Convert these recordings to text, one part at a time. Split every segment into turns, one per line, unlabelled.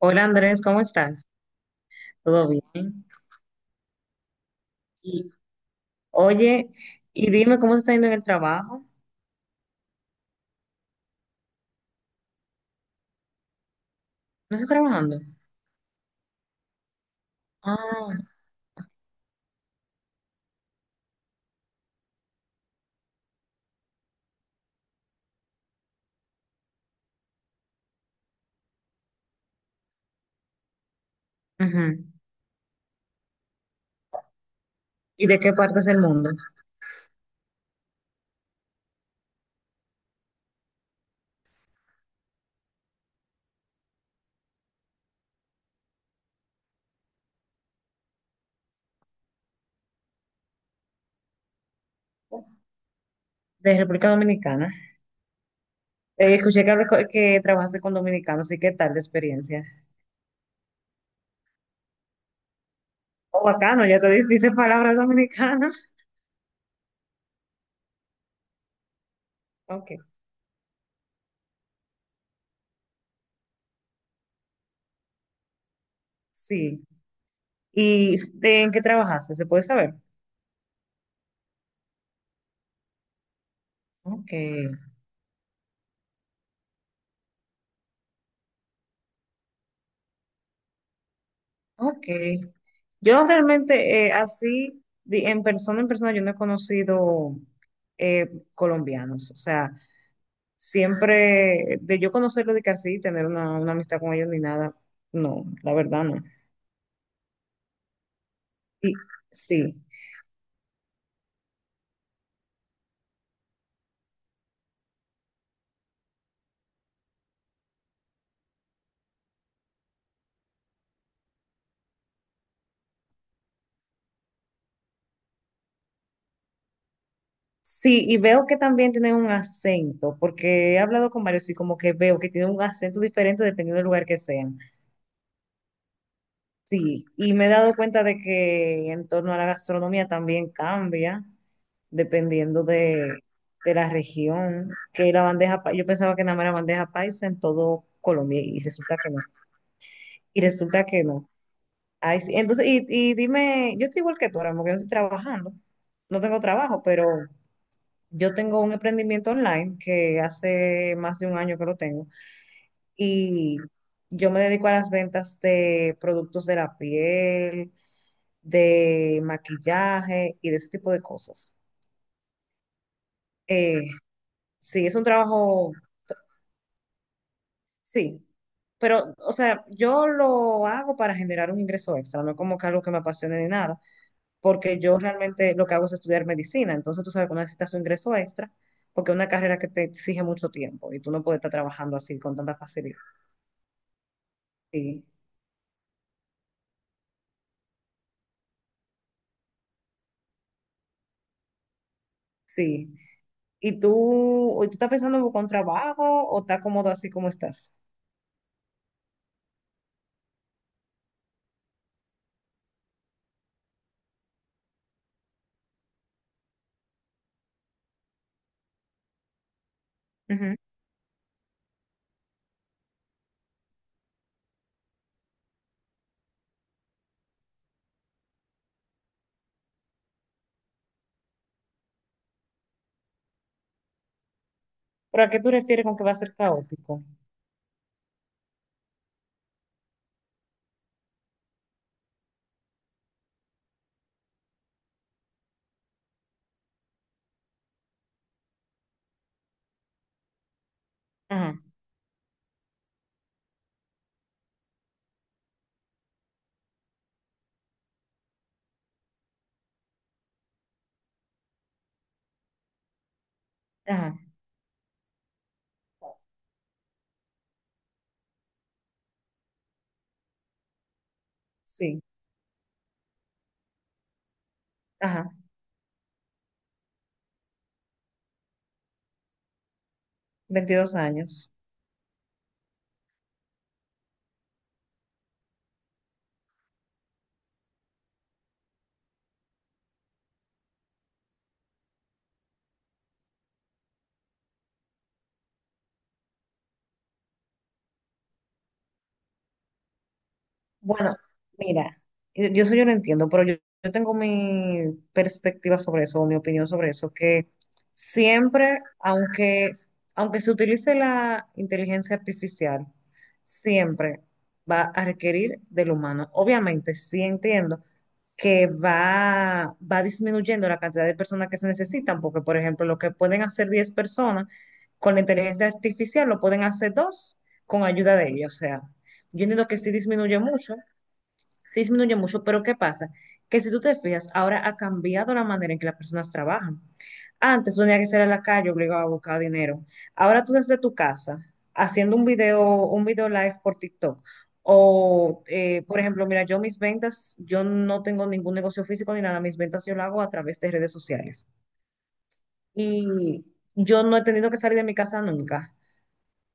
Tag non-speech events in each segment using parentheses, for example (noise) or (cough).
Hola Andrés, ¿cómo estás? ¿Todo bien? Y, oye, y dime cómo te está yendo en el trabajo. ¿No estás trabajando? Ah, ujú. ¿Y de qué parte es el mundo? De República Dominicana. Escuché que trabajaste con dominicanos, ¿y qué tal la experiencia? Oh, bacano, ya te dices palabras dominicanas. (laughs) Ok, sí. ¿Y en qué trabajaste? ¿Se puede saber? Ok, ok. Yo realmente así, en persona, yo no he conocido eh, colombianos. O sea, siempre de yo conocerlo de que así, tener una amistad con ellos ni nada, no, la verdad no. Y sí, sí, y veo que también tienen un acento, porque he hablado con varios y como que veo que tienen un acento diferente dependiendo del lugar que sean. Sí, y me he dado cuenta de que en torno a la gastronomía también cambia dependiendo de la región, que la bandeja, yo pensaba que nada más era bandeja paisa en todo Colombia y resulta que no, y resulta que no. Ay, sí, entonces, y dime, yo estoy igual que tú ahora, porque yo estoy trabajando, no tengo trabajo, pero yo tengo un emprendimiento online que hace más de un año que lo tengo y yo me dedico a las ventas de productos de la piel de maquillaje y de ese tipo de cosas. Eh, sí, es un trabajo, sí, pero, o sea, yo lo hago para generar un ingreso extra, no es como que algo que me apasione ni nada, porque yo realmente lo que hago es estudiar medicina, entonces tú sabes que uno necesita su ingreso extra, porque es una carrera que te exige mucho tiempo y tú no puedes estar trabajando así con tanta facilidad. Sí, sí. ¿Y tú estás pensando en buscar un trabajo o estás cómodo así como estás? Ujú. ¿Pero a qué tú refieres con que va a ser caótico? Ajá. Ajá, sí, ajá, 22 años. Bueno, mira, yo eso yo lo entiendo, pero yo tengo mi perspectiva sobre eso, o mi opinión sobre eso, que siempre, aunque se utilice la inteligencia artificial, siempre va a requerir del humano. Obviamente, sí entiendo que va disminuyendo la cantidad de personas que se necesitan, porque, por ejemplo, lo que pueden hacer 10 personas con la inteligencia artificial lo pueden hacer dos con ayuda de ella. O sea, yo entiendo que sí disminuye mucho, pero ¿qué pasa? Que si tú te fijas, ahora ha cambiado la manera en que las personas trabajan. Antes tenía que salir a la calle obligado a buscar dinero. Ahora tú desde tu casa, haciendo un video live por TikTok. O, por ejemplo, mira, yo mis ventas, yo no tengo ningún negocio físico ni nada, mis ventas yo lo hago a través de redes sociales. Y yo no he tenido que salir de mi casa nunca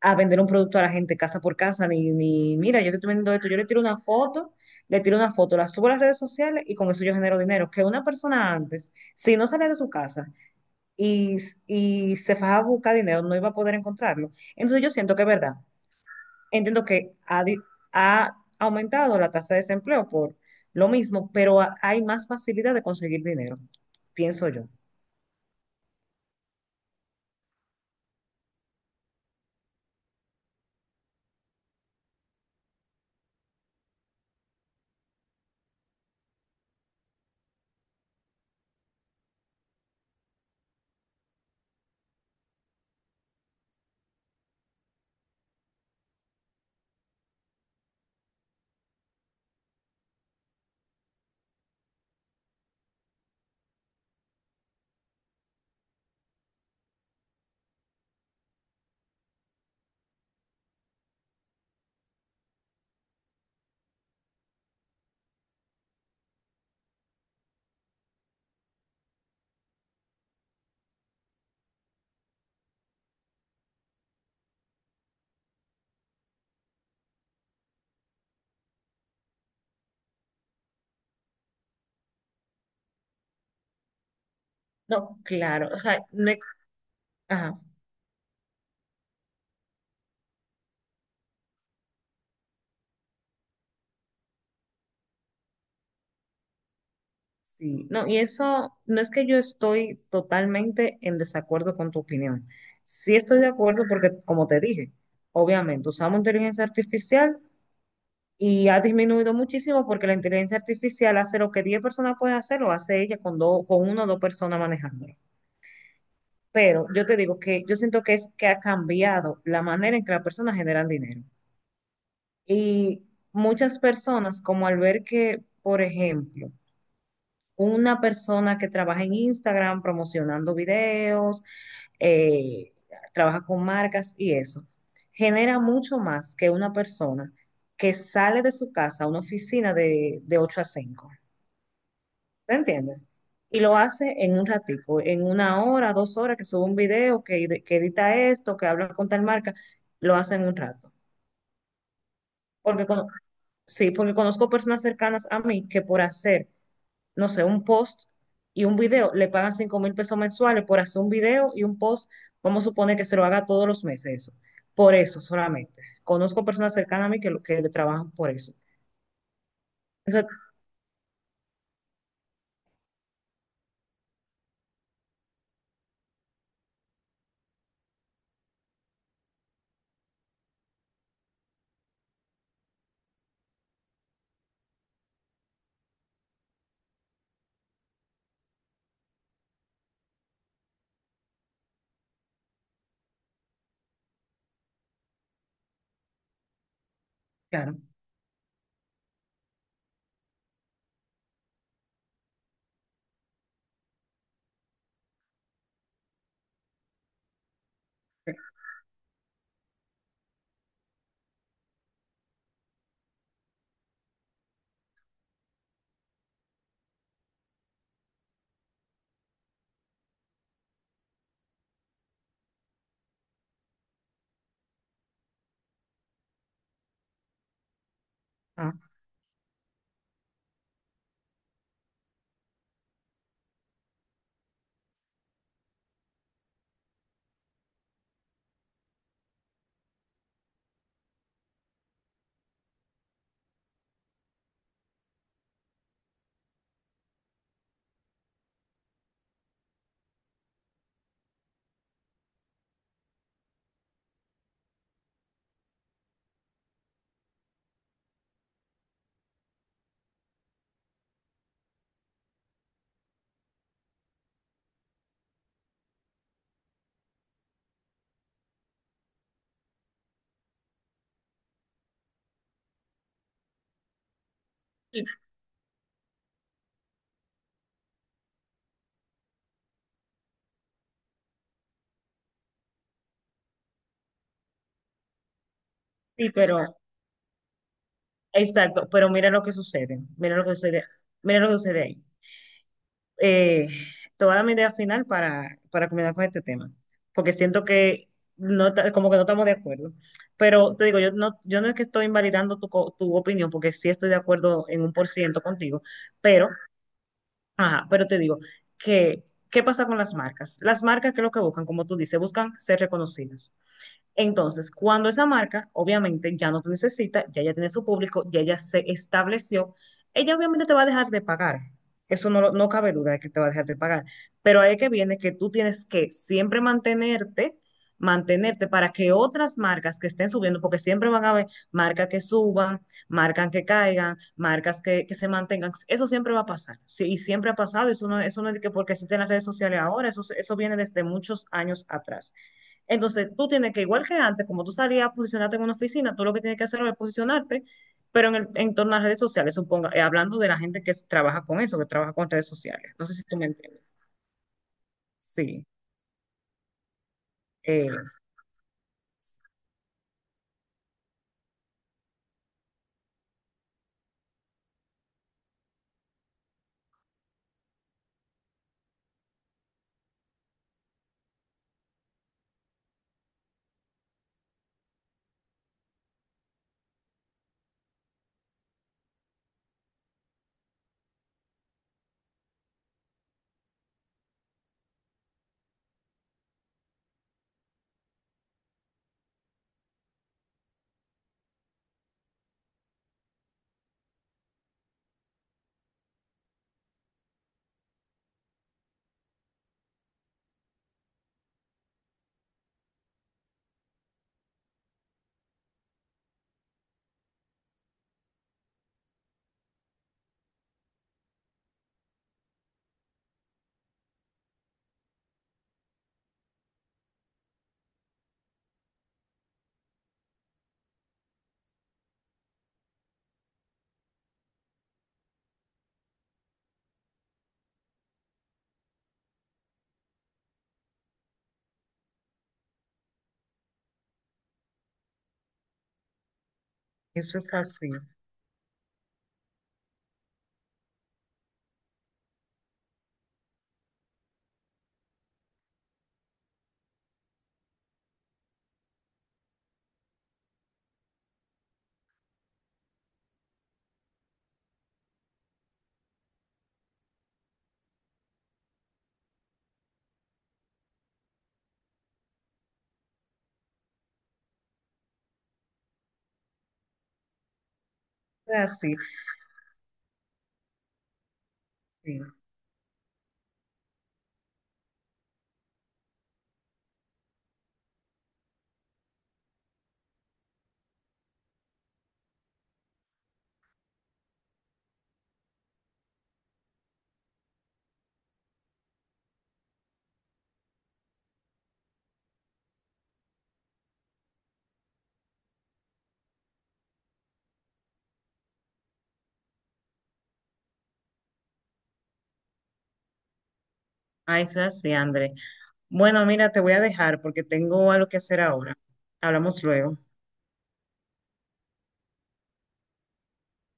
a vender un producto a la gente casa por casa, ni mira, yo te estoy vendiendo esto, yo le tiro una foto, le tiro una foto, la subo a las redes sociales y con eso yo genero dinero. Que una persona antes, si no salía de su casa y, y se fajaba a buscar dinero, no iba a poder encontrarlo. Entonces yo siento que es verdad, entiendo que ha aumentado la tasa de desempleo por lo mismo, pero hay más facilidad de conseguir dinero, pienso yo. No, claro, o sea, no, ajá. Sí, no, y eso no es que yo estoy totalmente en desacuerdo con tu opinión. Sí estoy de acuerdo porque, como te dije, obviamente usamos inteligencia artificial y ha disminuido muchísimo porque la inteligencia artificial hace lo que 10 personas pueden hacer, lo hace ella con una o dos personas manejándolo. Pero yo te digo que yo siento que es que ha cambiado la manera en que las personas generan dinero. Y muchas personas, como al ver que, por ejemplo, una persona que trabaja en Instagram promocionando videos, eh, trabaja con marcas y eso, genera mucho más que una persona que sale de su casa a una oficina de, 8 a 5. ¿Te entiendes? Y lo hace en un ratico, en 1 hora, 2 horas, que sube un video, que edita esto, que habla con tal marca, lo hace en un rato. Porque cono- sí, porque conozco personas cercanas a mí que por hacer no sé, un post y un video, le pagan 5,000 pesos mensuales por hacer un video y un post, vamos a suponer que se lo haga todos los meses. Eso. Por eso solamente. Conozco personas cercanas a mí que, que le trabajan por eso. Eso, claro. Ah, sí, sí, pero, exacto, pero mira lo que sucede, mira lo que sucede, mira lo que sucede ahí. eh, toda mi idea final para combinar con este tema, porque siento que no, como que no estamos de acuerdo. Pero te digo, yo no es que estoy invalidando tu opinión, porque sí estoy de acuerdo en un por ciento contigo, pero, ajá, pero te digo que, ¿qué pasa con las marcas? Las marcas, ¿qué es lo que buscan? Como tú dices, buscan ser reconocidas. Entonces, cuando esa marca, obviamente, ya no te necesita, ya tiene su público, ya se estableció, ella obviamente te va a dejar de pagar. Eso no, no cabe duda de que te va a dejar de pagar. Pero ahí es que viene que tú tienes que siempre mantenerte, mantenerte para que otras marcas que estén subiendo, porque siempre van a haber marcas que suban, marcas que caigan, marcas que se mantengan. Eso siempre va a pasar. Sí, y siempre ha pasado. Eso no es de que porque existen las redes sociales ahora, eso viene desde muchos años atrás. Entonces, tú tienes que, igual que antes, como tú salías a posicionarte en una oficina, tú lo que tienes que hacer es posicionarte, pero en torno a las redes sociales, suponga, hablando de la gente que trabaja con eso, que trabaja con redes sociales. No sé si tú me entiendes. Sí, eh, eso es así. Es así, sí. Ah, eso es así, André. Bueno, mira, te voy a dejar porque tengo algo que hacer ahora. Hablamos luego.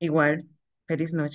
Igual, feliz noche.